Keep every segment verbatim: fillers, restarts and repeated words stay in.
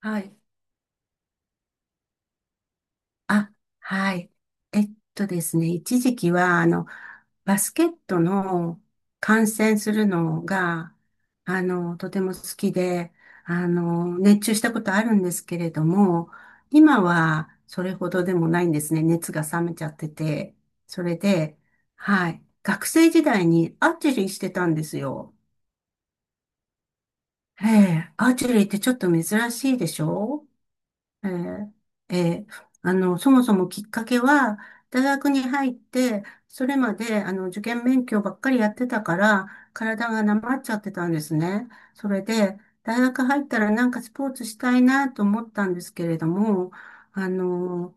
はい。あ、はい。えっとですね、一時期は、あの、バスケットの観戦するのが、あの、とても好きで、あの、熱中したことあるんですけれども、今はそれほどでもないんですね。熱が冷めちゃってて。それで、はい。学生時代にアーチェリーしてたんですよ。ええ、アーチェリーってちょっと珍しいでしょ？ええ、えーあの、そもそもきっかけは、大学に入って、それまで、あの、受験勉強ばっかりやってたから、体がなまっちゃってたんですね。それで、大学入ったらなんかスポーツしたいなと思ったんですけれども、あの、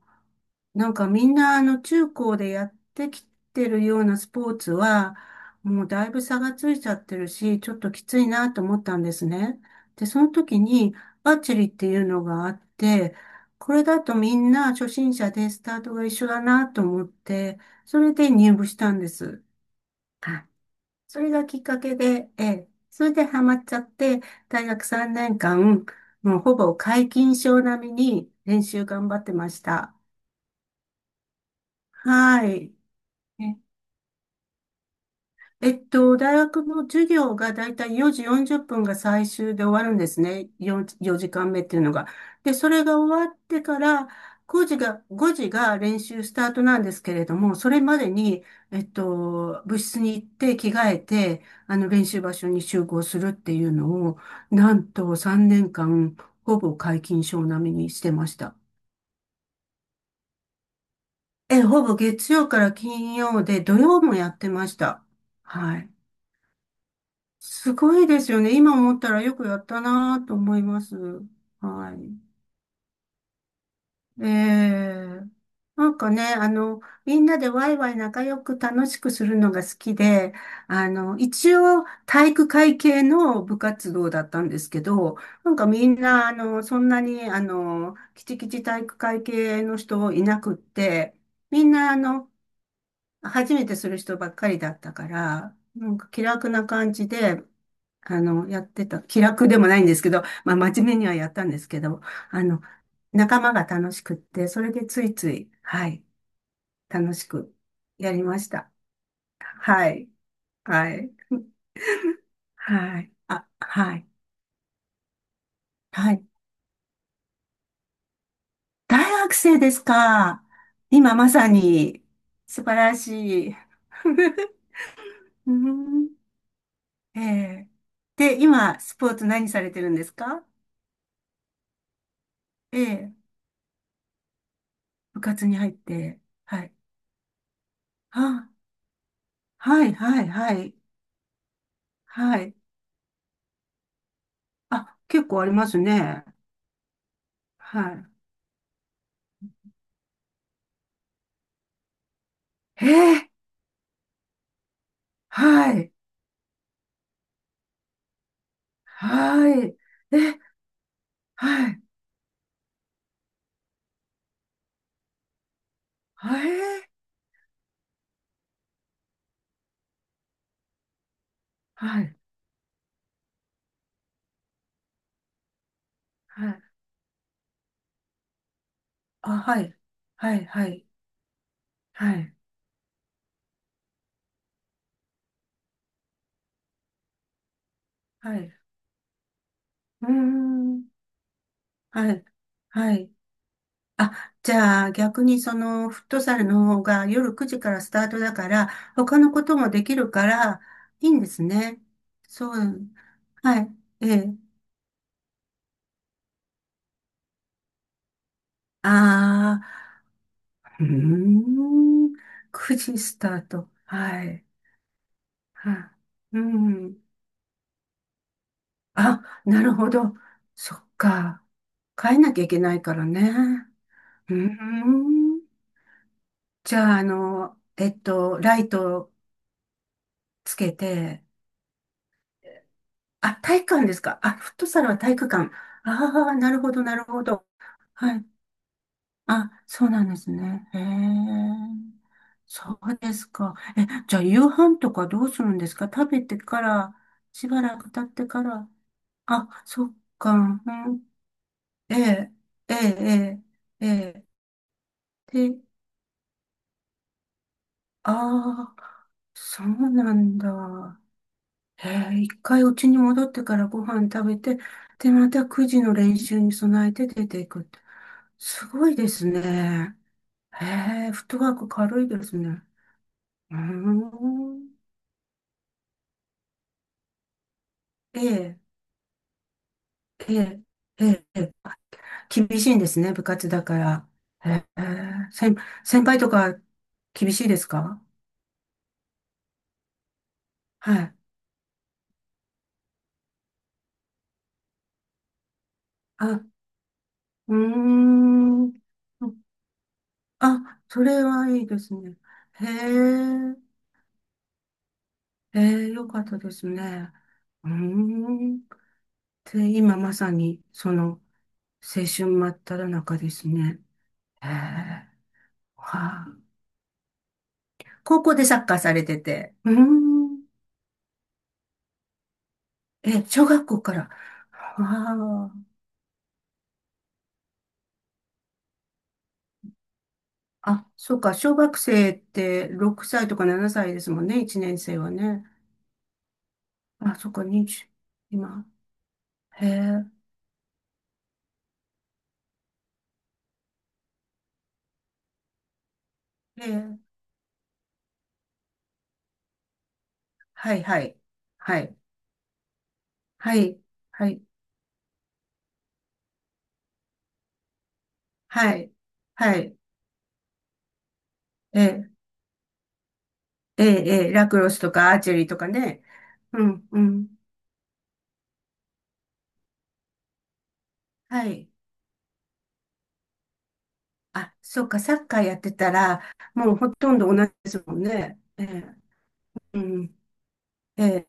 なんかみんなあの中高でやってきてるようなスポーツは、もうだいぶ差がついちゃってるし、ちょっときついなと思ったんですね。で、その時にアーチェリーっていうのがあって、これだとみんな初心者でスタートが一緒だなと思って、それで入部したんです。はい。それがきっかけで、ええ、それでハマっちゃって、大学さんねんかん、もうほぼ皆勤賞並みに練習頑張ってました。はい。えっと、大学の授業がだいたいよじよんじゅっぷんが最終で終わるんですね。よん、よじかんめっていうのが。で、それが終わってから、くじが、ごじが練習スタートなんですけれども、それまでに、えっと、部室に行って着替えて、あの、練習場所に集合するっていうのを、なんとさんねんかん、ほぼ皆勤賞並みにしてました。え、ほぼ月曜から金曜で、土曜もやってました。はい。すごいですよね。今思ったらよくやったなと思います。はい。ええ。なんかね、あの、みんなでワイワイ仲良く楽しくするのが好きで、あの、一応体育会系の部活動だったんですけど、なんかみんな、あの、そんなに、あの、きちきち体育会系の人いなくって、みんな、あの、初めてする人ばっかりだったから、なんか気楽な感じで、あの、やってた、気楽でもないんですけど、まあ、真面目にはやったんですけど、あの、仲間が楽しくって、それでついつい、はい、楽しくやりました。はい、はい、はい、あ、はい、はい。大学生ですか？今まさに、素晴らしい。うん、ええ。で、今、スポーツ何されてるんですか？ええ。部活に入って、はい。あ、はい、はい、はい、はい。あ、結構ありますね。はい。えー、はい。はい。え、はい。はい。はい。はい。あ、はい。はい。はい。はい。はい。うーん。はい。はい。あ、じゃあ逆にそのフットサルの方が夜くじからスタートだから、他のこともできるから、いいんですね。そう。はい。ええ。ああ、うーん。くじスタート。はい。はい。うん。あ、なるほど。そっか。変えなきゃいけないからね。うん。じゃあ、あの、えっと、ライトつけて、あ、体育館ですか。あ、フットサルは体育館。ああ、なるほど、なるほど。はい。あ、そうなんですね。へえ。そうですか。え、じゃあ、夕飯とかどうするんですか？食べてから、しばらく経ってから。あ、そっか。うん。ええ、ええ、ええ、ええ。で、ああ、そうなんだ。ええ、一回うちに戻ってからご飯食べて、で、またくじの練習に備えて出ていくって。すごいですね。ええ、フットワーク軽いですね。うーん。ええ、ええ、ええ、ええ。あ、厳しいんですね、部活だから。ええ、先、先輩とか厳しいですか？はい。あ、うーん。あ、それはいいですね。へえ、へえ、よかったですね。うーん。で、今まさに、その、青春真っただ中ですね。へえ、はあ。高校でサッカーされてて。うーん。え、小学校から。はあ。あ、そうか。小学生ってろくさいとかななさいですもんね。いちねん生はね。あ、そっか、にじゅう、今。へえ。へえ。はい、はい、はい、はい、はい、はい、はい、ええ、ええ、ええラクロスとかアーチェリーとかね。うん、うん、はい。あ、そうか、サッカーやってたら、もうほとんど同じですもんね。ええ、うん、ええ、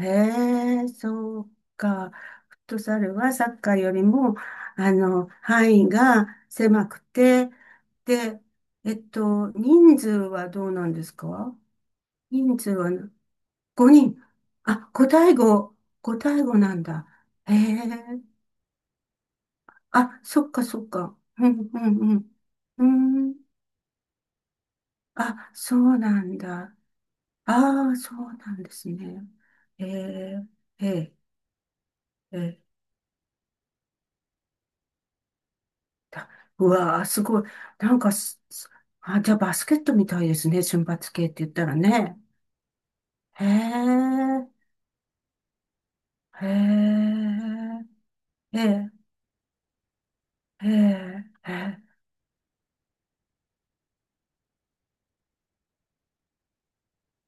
へえ、そうか。フットサルはサッカーよりも、あの、範囲が狭くて、で、えっと、人数はどうなんですか？人数は、ごにん。あ、五対ご。五対ごなんだ。へえ。あ、そっかそっか。うん、うん、うん。うーん。あ、そうなんだ。ああ、そうなんですね。へえ、ええ、ええ。だうわあ、すごい。なんかす、すあ、じゃあバスケットみたいですね。瞬発系って言ったらね。へえ、へえ、ええ、ええ、ええ、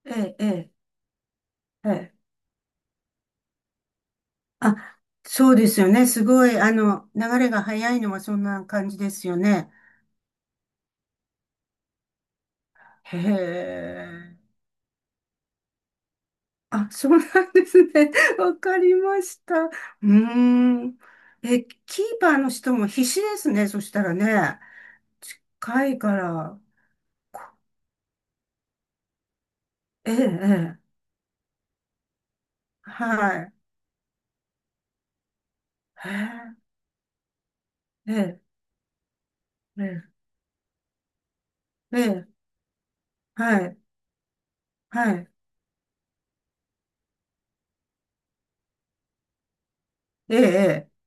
ええ、ええ。あ、そうですよね。すごい、あの、流れが早いのはそんな感じですよね。へえ。あ、そうなんですね。わかりました。うーん。え、キーパーの人も必死ですね。そしたらね。近いから。こええ、ええ、はい。へえ、ええ、ええ、ええ。はい、はい。ええ、ええ。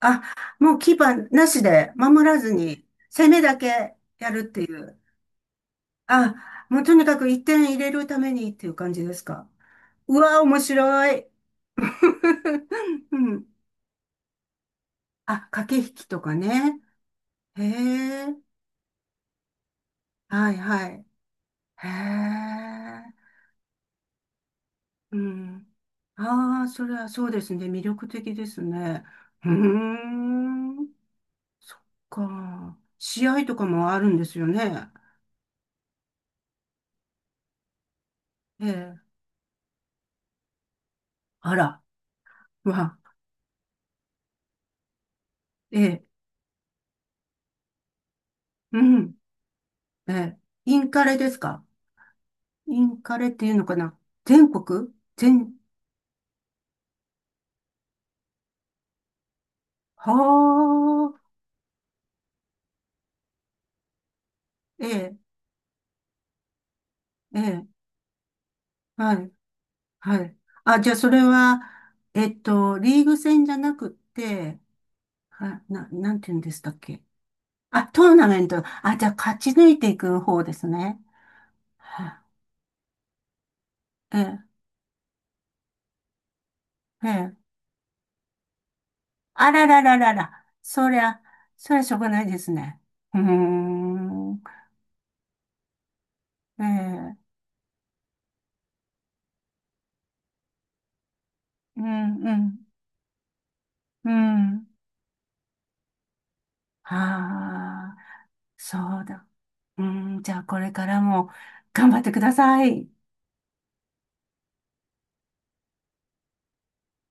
あ、もうキーパーなしで守らずに攻めだけやるっていう。あ、もうとにかく一点入れるためにっていう感じですか？うわ、面白い。うん。あ、駆け引きとかね。へえ。はいはい。へえ。うん。ああ、それはそうですね。魅力的ですね。うーん。か。試合とかもあるんですよね？ええ。あら。わ。ええ。うん。ええ。インカレですか？インカレっていうのかな？全国、全、はあ、ええ、ええ、はい、はい。あ、じゃあそれは、えっと、リーグ戦じゃなくって、は、な、なんて言うんでしたっけ？あ、トーナメント。あ、じゃあ勝ち抜いていく方ですね。はあ、ええ、ええ。あららららら。そりゃ、そりゃしょうがないですね。うーん、ええ、うん、うん、うん。はあ。そうだ。うん、じゃあこれからも頑張ってください。